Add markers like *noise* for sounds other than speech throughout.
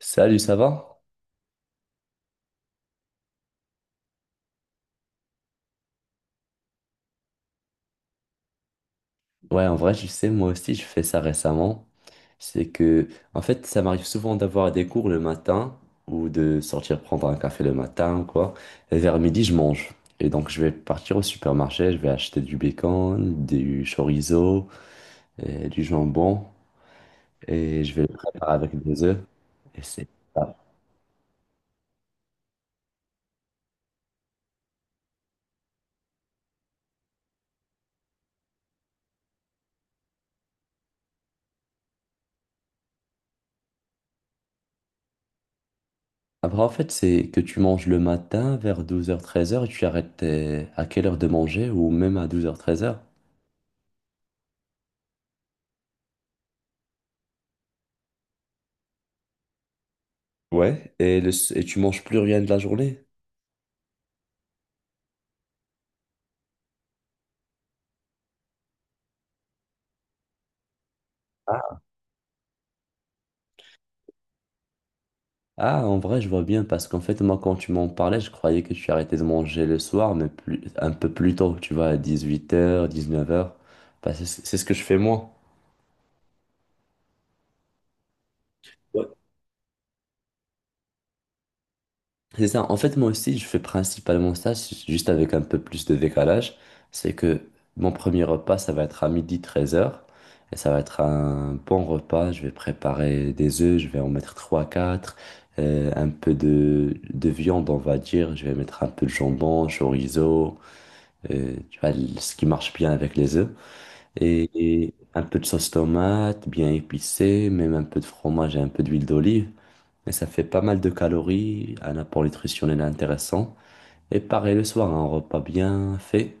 Salut, ça va? Ouais, en vrai, je sais, moi aussi, je fais ça récemment. C'est que, en fait, ça m'arrive souvent d'avoir des cours le matin ou de sortir prendre un café le matin ou quoi. Et vers midi, je mange. Et donc, je vais partir au supermarché, je vais acheter du bacon, du chorizo, et du jambon et je vais le préparer avec des œufs. Et c'est ça. Après, en fait, c'est que tu manges le matin vers 12 heures 13 heures et tu arrêtes à quelle heure de manger ou même à 12 heures 13 heures. Ouais, et, et tu manges plus rien de la journée? Ah. Ah, en vrai, je vois bien, parce qu'en fait, moi, quand tu m'en parlais, je croyais que tu arrêtais de manger le soir, mais plus, un peu plus tôt, tu vois, à 18h, 19h. Bah, c'est ce que je fais moi. Ouais. C'est ça. En fait, moi aussi, je fais principalement ça, c'est juste avec un peu plus de décalage. C'est que mon premier repas, ça va être à midi treize heures. Et ça va être un bon repas. Je vais préparer des œufs, je vais en mettre 3-4. Un peu de viande, on va dire. Je vais mettre un peu de jambon, chorizo. Tu vois, ce qui marche bien avec les œufs. Et, et un peu de sauce tomate, bien épicée, même un peu de fromage et un peu d'huile d'olive. Mais ça fait pas mal de calories, un apport nutritionnel intéressant. Et pareil le soir, un repas bien fait.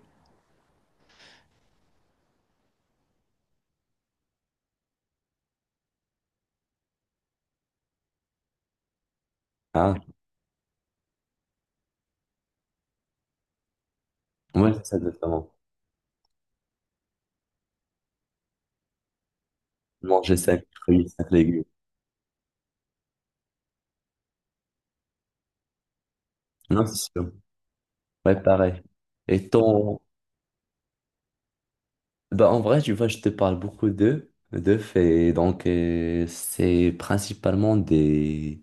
Ah, moi j'essaie de faire manger 5 fruits, 5 légumes. Non, c'est sûr. Ouais, pareil. Et ton… Bah, en vrai, tu vois, je te parle beaucoup d'œufs. D'œufs, et donc c'est principalement des,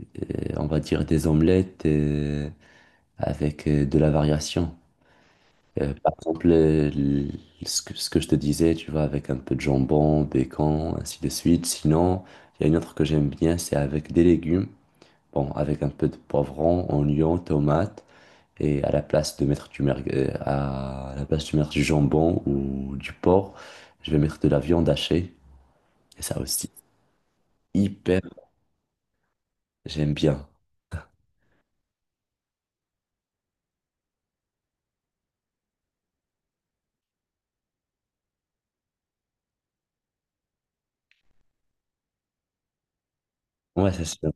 on va dire, des omelettes avec de la variation. Par exemple, ce que je te disais, tu vois, avec un peu de jambon, bacon, ainsi de suite. Sinon, il y a une autre que j'aime bien, c'est avec des légumes. Bon, avec un peu de poivron, oignon, tomate. Et à la place de mettre à la place de mettre du jambon ou du porc, je vais mettre de la viande hachée. Et ça aussi, hyper, j'aime bien. Ouais, c'est sûr.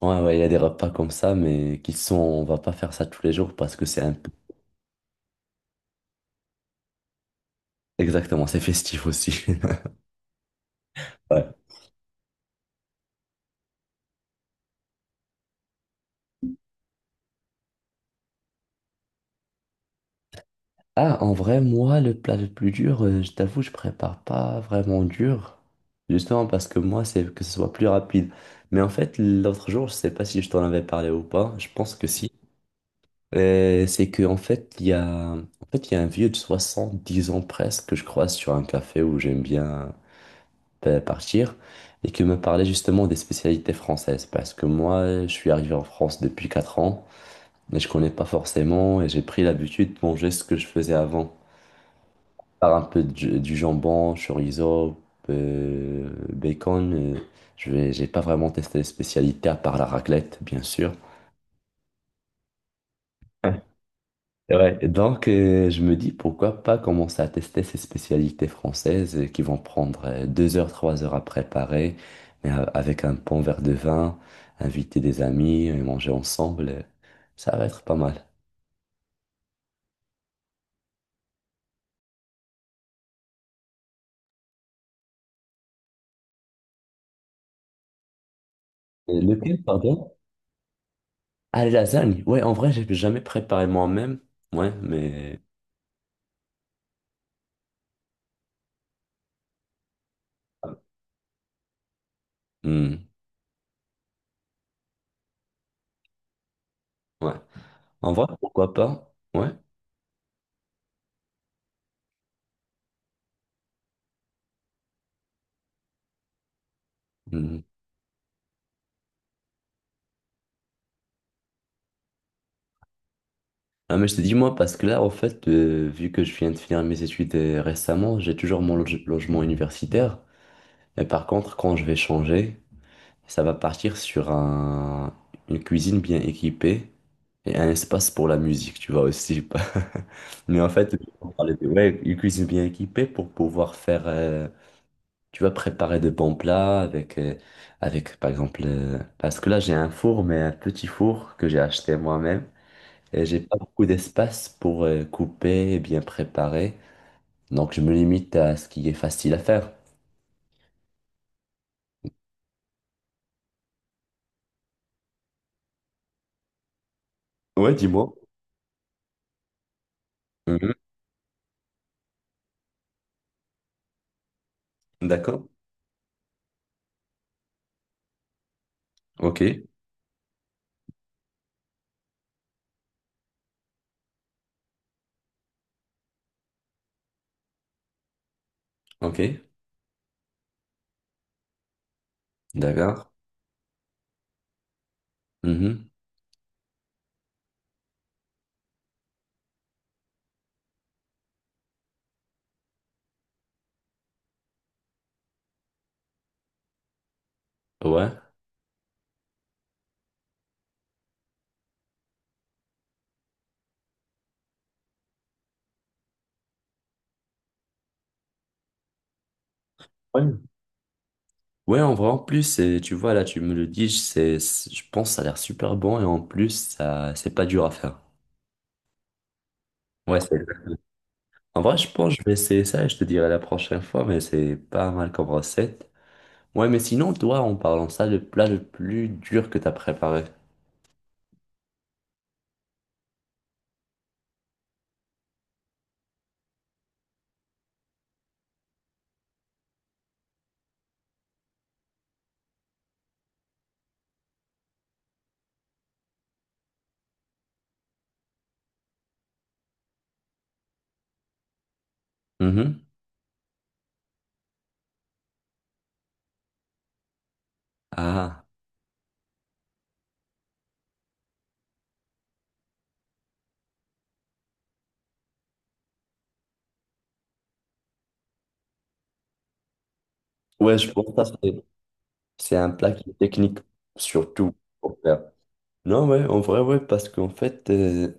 Ouais, ouais, il y a des repas comme ça, mais qui sont, on va pas faire ça tous les jours parce que c'est un peu, exactement, c'est festif aussi. *laughs* Ouais. Ah, en vrai, moi, le plat le plus dur, je t'avoue, je prépare pas vraiment dur. Justement parce que moi, c'est que ce soit plus rapide. Mais en fait, l'autre jour, je sais pas si je t'en avais parlé ou pas. Je pense que si. C'est que en fait, en fait, il y a un vieux de 70 ans presque que je croise sur un café où j'aime bien partir et qui me parlait justement des spécialités françaises. Parce que moi, je suis arrivé en France depuis 4 ans et je connais pas forcément et j'ai pris l'habitude de manger ce que je faisais avant par un peu du jambon, chorizo, bacon. Je vais, j'ai pas vraiment testé les spécialités à part la raclette, bien sûr. Ouais, et donc je me dis pourquoi pas commencer à tester ces spécialités françaises qui vont prendre 2 heures, 3 heures à préparer, mais avec un bon verre de vin, inviter des amis, manger ensemble, ça va être pas mal. Et lequel, pardon? Ah, les lasagnes. Ouais, en vrai, j'ai jamais préparé moi-même. Ouais, mais. Hmm, ouais. En vrai, pourquoi pas? Ouais. Mhm. Ah, mais je te dis moi parce que là, en fait, vu que je viens de finir mes études récemment, j'ai toujours mon logement universitaire. Mais par contre, quand je vais changer, ça va partir sur un, une cuisine bien équipée et un espace pour la musique, tu vois aussi. *laughs* Mais en fait, ouais, une cuisine bien équipée pour pouvoir faire, tu vois, préparer de bons plats avec, avec par exemple, parce que là, j'ai un four, mais un petit four que j'ai acheté moi-même. Et j'ai pas beaucoup d'espace pour couper et bien préparer. Donc je me limite à ce qui est facile à faire. Ouais, dis-moi. Mhm. D'accord. Ok. Ok. D'accord. Mhm. Ouais. Ouais. Ouais, en vrai, en plus, tu vois, là, tu me le dis, je pense que ça a l'air super bon et en plus, ça, c'est pas dur à faire. Ouais, c'est… En vrai, je pense que je vais essayer ça et je te dirai la prochaine fois, mais c'est pas mal comme recette. Ouais, mais sinon, toi, en parlant de ça, le plat le plus dur que t'as préparé. Mhm. Ah. Ouais, je pense que ça, c'est un plat qui est technique, surtout pour faire. Non, ouais, en vrai, ouais, parce qu'en fait,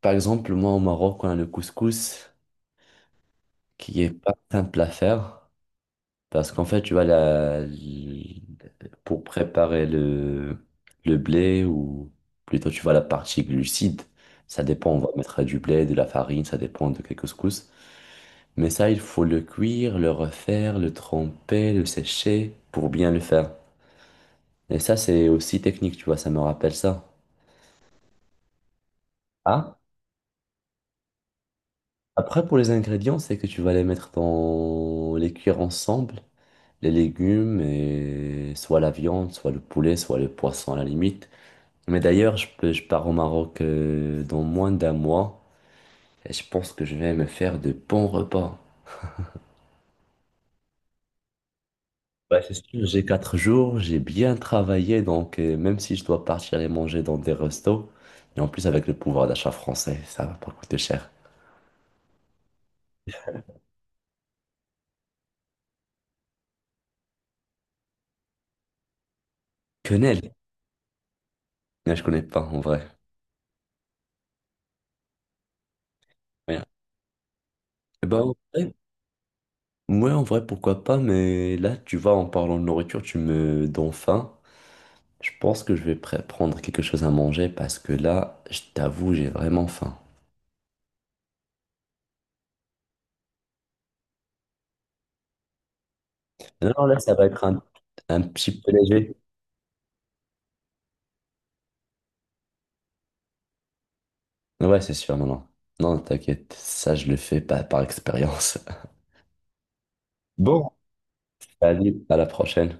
par exemple, moi au Maroc, on a le couscous qui est pas simple à faire. Parce qu'en fait, tu vois, pour préparer le blé, ou plutôt, tu vois, la partie glucide, ça dépend, on va mettre du blé, de la farine, ça dépend de quel couscous. Mais ça, il faut le cuire, le refaire, le tremper, le sécher pour bien le faire. Et ça, c'est aussi technique, tu vois, ça me rappelle ça. Ah, après, pour les ingrédients, c'est que tu vas les mettre dans les cuire ensemble, les légumes et soit la viande, soit le poulet, soit le poisson à la limite. Mais d'ailleurs, je pars au Maroc dans moins d'un mois et je pense que je vais me faire de bons repas. Bah, c'est sûr, j'ai 4 jours, j'ai bien travaillé, donc même si je dois partir les manger dans des restos, et en plus avec le pouvoir d'achat français, ça va pas coûter cher. Quenelle? Non, je connais pas en vrai. Ouais. Eh ben, en vrai, ouais, en vrai, pourquoi pas, mais là, tu vois, en parlant de nourriture, tu me donnes faim. Je pense que je vais prendre quelque chose à manger parce que là, je t'avoue, j'ai vraiment faim. Non, là, ça va être un petit peu léger. Ouais, c'est sûr, non, non. Non, t'inquiète, ça, je le fais pas par expérience. *laughs* Bon, salut, à la prochaine.